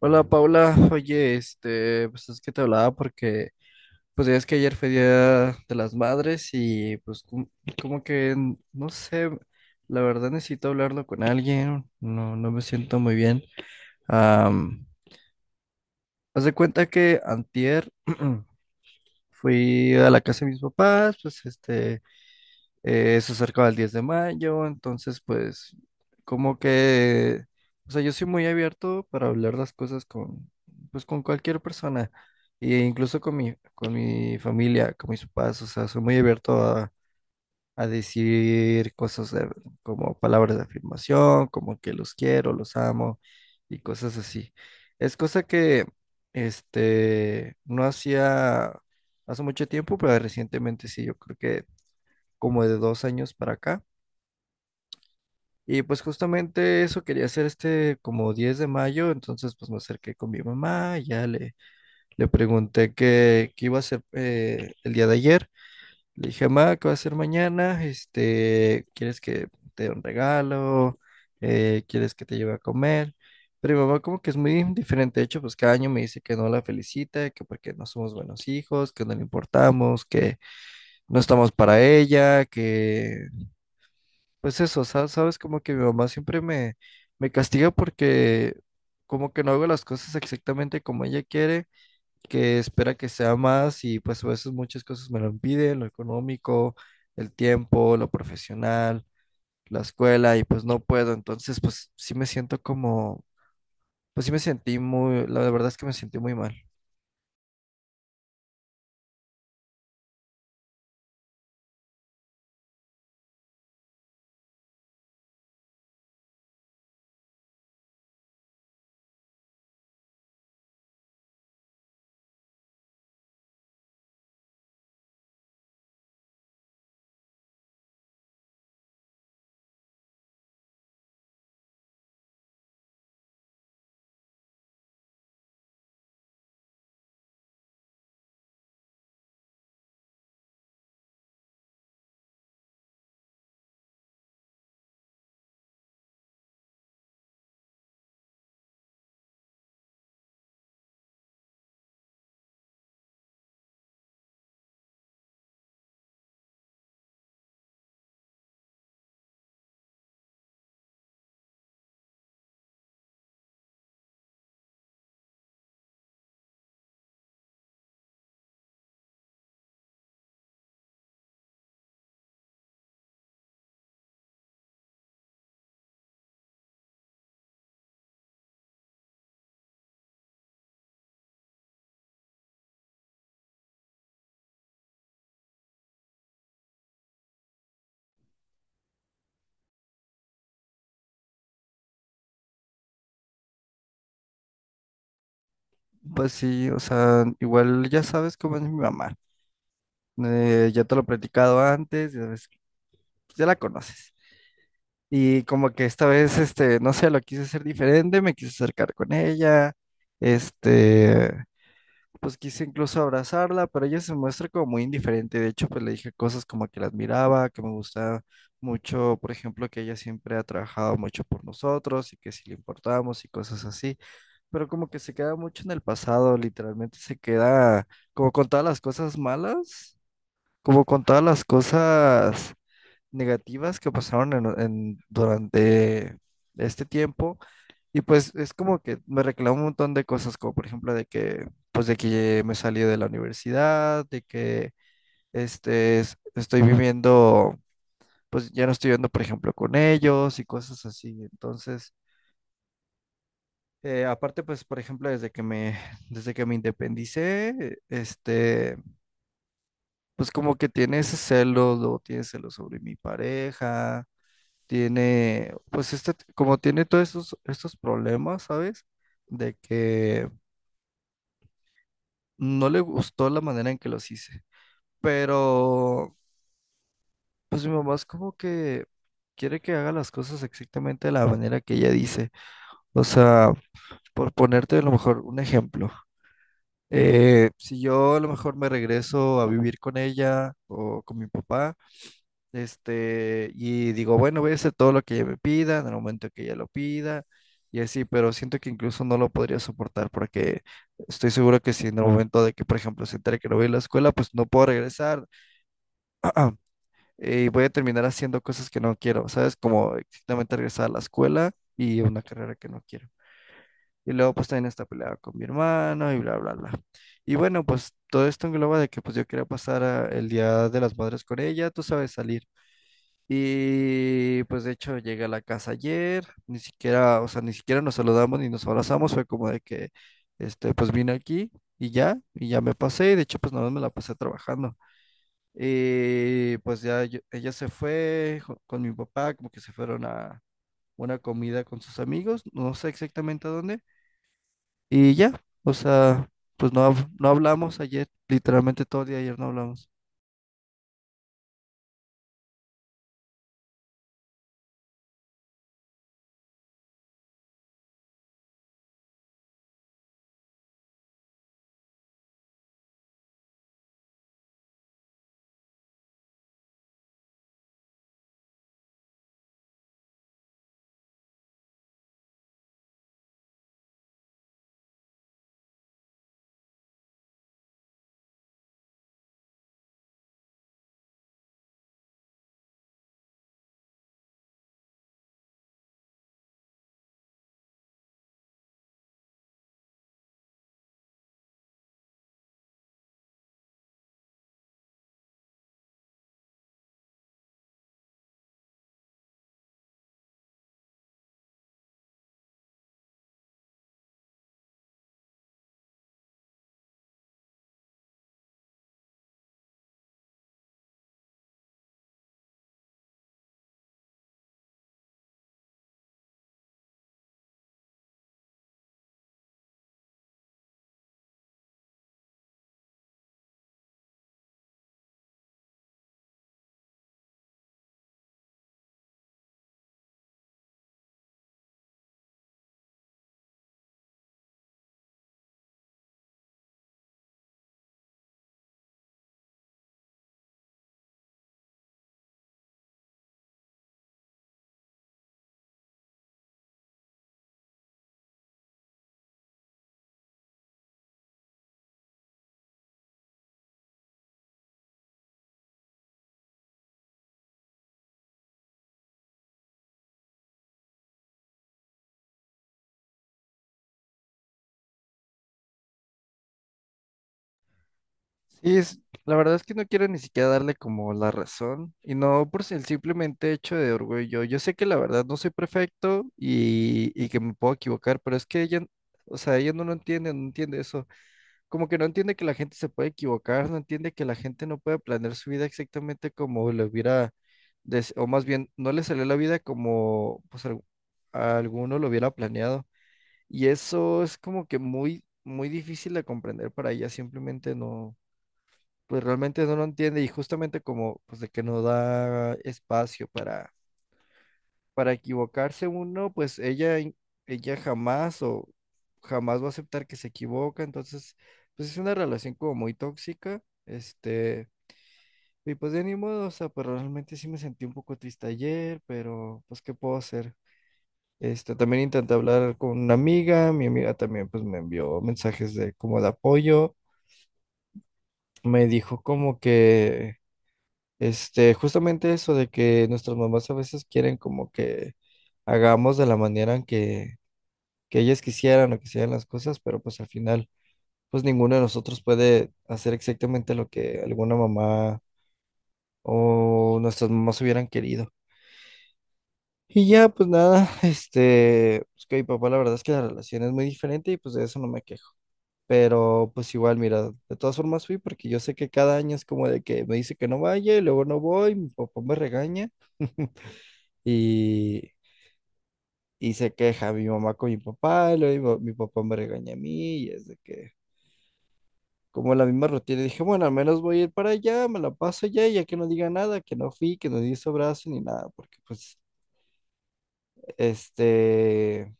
Hola Paula, oye, pues es que te hablaba porque, pues ya es que ayer fue Día de las Madres y pues no sé, la verdad necesito hablarlo con alguien, no, no me siento muy bien. Am, Haz de cuenta que antier fui a la casa de mis papás, eso cerca del 10 de mayo, entonces como que, o sea, yo soy muy abierto para hablar las cosas con, pues con cualquier persona, e incluso con mi familia, con mis papás, o sea, soy muy abierto a decir como palabras de afirmación, como que los quiero, los amo y cosas así. Es cosa que, no hacía hace mucho tiempo, pero recientemente sí, yo creo que como de 2 años para acá. Y pues justamente eso quería hacer este como 10 de mayo, entonces pues me acerqué con mi mamá, le pregunté qué iba a hacer el día de ayer. Le dije, mamá, ¿qué va a hacer mañana? ¿Quieres que te dé un regalo? ¿Quieres que te lleve a comer? Pero mi mamá como que es muy diferente, de hecho, pues cada año me dice que no la felicita, que porque no somos buenos hijos, que no le importamos, que no estamos para ella, que pues eso, sabes, como que mi mamá siempre me castiga porque como que no hago las cosas exactamente como ella quiere, que espera que sea más y pues a veces muchas cosas me lo impiden, lo económico, el tiempo, lo profesional, la escuela y pues no puedo, entonces pues sí me sentí muy, la verdad es que me sentí muy mal. Pues sí, o sea, igual ya sabes cómo es mi mamá, ya te lo he platicado antes, ya la conoces. Y como que esta vez, no sé, lo quise hacer diferente, me quise acercar con ella, este, pues quise incluso abrazarla, pero ella se muestra como muy indiferente. De hecho, pues le dije cosas como que la admiraba, que me gustaba mucho, por ejemplo, que ella siempre ha trabajado mucho por nosotros y que si le importábamos y cosas así, pero como que se queda mucho en el pasado, literalmente se queda como con todas las cosas malas, como con todas las cosas negativas que pasaron durante este tiempo y pues es como que me reclamó un montón de cosas como por ejemplo de que me salí de la universidad, de que estoy viviendo, pues ya no estoy viviendo por ejemplo con ellos y cosas así. Entonces, aparte pues por ejemplo desde que me independicé, pues como que tiene ese celo, luego tiene celos sobre mi pareja, tiene, como tiene todos estos problemas, ¿sabes? De que no le gustó la manera en que los hice. Pero, pues mi mamá es como que quiere que haga las cosas exactamente de la manera que ella dice. O sea, por ponerte a lo mejor un ejemplo. Si yo a lo mejor me regreso a vivir con ella o con mi papá. Y digo, bueno, voy a hacer todo lo que ella me pida en el momento que ella lo pida, y así, pero siento que incluso no lo podría soportar porque estoy seguro que si en el momento de que, por ejemplo, se entere que no voy a la escuela, pues no puedo regresar y voy a terminar haciendo cosas que no quiero, ¿sabes? Como exactamente regresar a la escuela y una carrera que no quiero. Y luego pues también esta pelea con mi hermano y bla, bla, bla. Y bueno, pues todo esto engloba de que pues yo quería pasar el Día de las Madres con ella, tú sabes, salir. Y pues de hecho llegué a la casa ayer, ni siquiera, o sea, ni siquiera nos saludamos ni nos abrazamos, fue como de que, pues vine aquí y ya me pasé, y de hecho pues nada más me la pasé trabajando. Y pues ya ella se fue con mi papá, como que se fueron a una comida con sus amigos, no sé exactamente a dónde, y ya, o sea, pues no, no hablamos ayer, literalmente todo el día ayer no hablamos. Sí, es, la verdad es que no quiero ni siquiera darle como la razón y no por el simplemente hecho de orgullo. Yo sé que la verdad no soy perfecto y que me puedo equivocar, pero es que ella, o sea, ella no lo entiende, no entiende eso. Como que no entiende que la gente se puede equivocar, no entiende que la gente no puede planear su vida exactamente como le hubiera, o más bien, no le salió la vida como a alguno lo hubiera planeado. Y eso es como que muy, muy difícil de comprender para ella, simplemente pues realmente no lo entiende y justamente como pues de que no da espacio para equivocarse uno, pues ella, ella jamás o jamás va a aceptar que se equivoca, entonces pues es una relación como muy tóxica, y pues de ni modo, o sea, pero realmente sí me sentí un poco triste ayer, pero pues ¿qué puedo hacer? También intenté hablar con una amiga, mi amiga también pues me envió mensajes de como de apoyo, me dijo como que justamente eso de que nuestras mamás a veces quieren como que hagamos de la manera que ellas quisieran o que sean las cosas, pero pues al final, pues ninguno de nosotros puede hacer exactamente lo que alguna mamá o nuestras mamás hubieran querido. Y ya, pues nada, pues que mi papá la verdad es que la relación es muy diferente y pues de eso no me quejo. Pero pues igual, mira, de todas formas fui porque yo sé que cada año es como de que me dice que no vaya y luego no voy, mi papá me regaña. Y, y se queja mi mamá con mi papá, y luego mi papá me regaña a mí, y es de que, como la misma rutina, dije, bueno, al menos voy a ir para allá, me la paso allá, y ya que no diga nada, que no fui, que no di brazo ni nada, porque pues, este,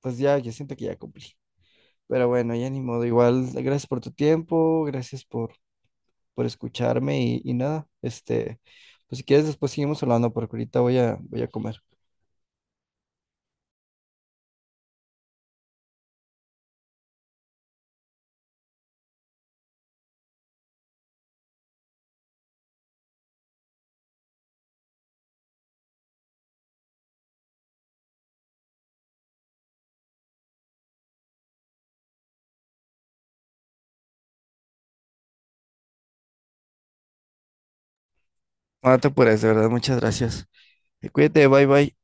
pues ya, yo siento que ya cumplí. Pero bueno, ya ni modo, igual, gracias por tu tiempo, por escucharme y nada, pues si quieres después seguimos hablando, porque ahorita voy a comer. No te apures, de verdad, muchas gracias. Cuídate, bye bye.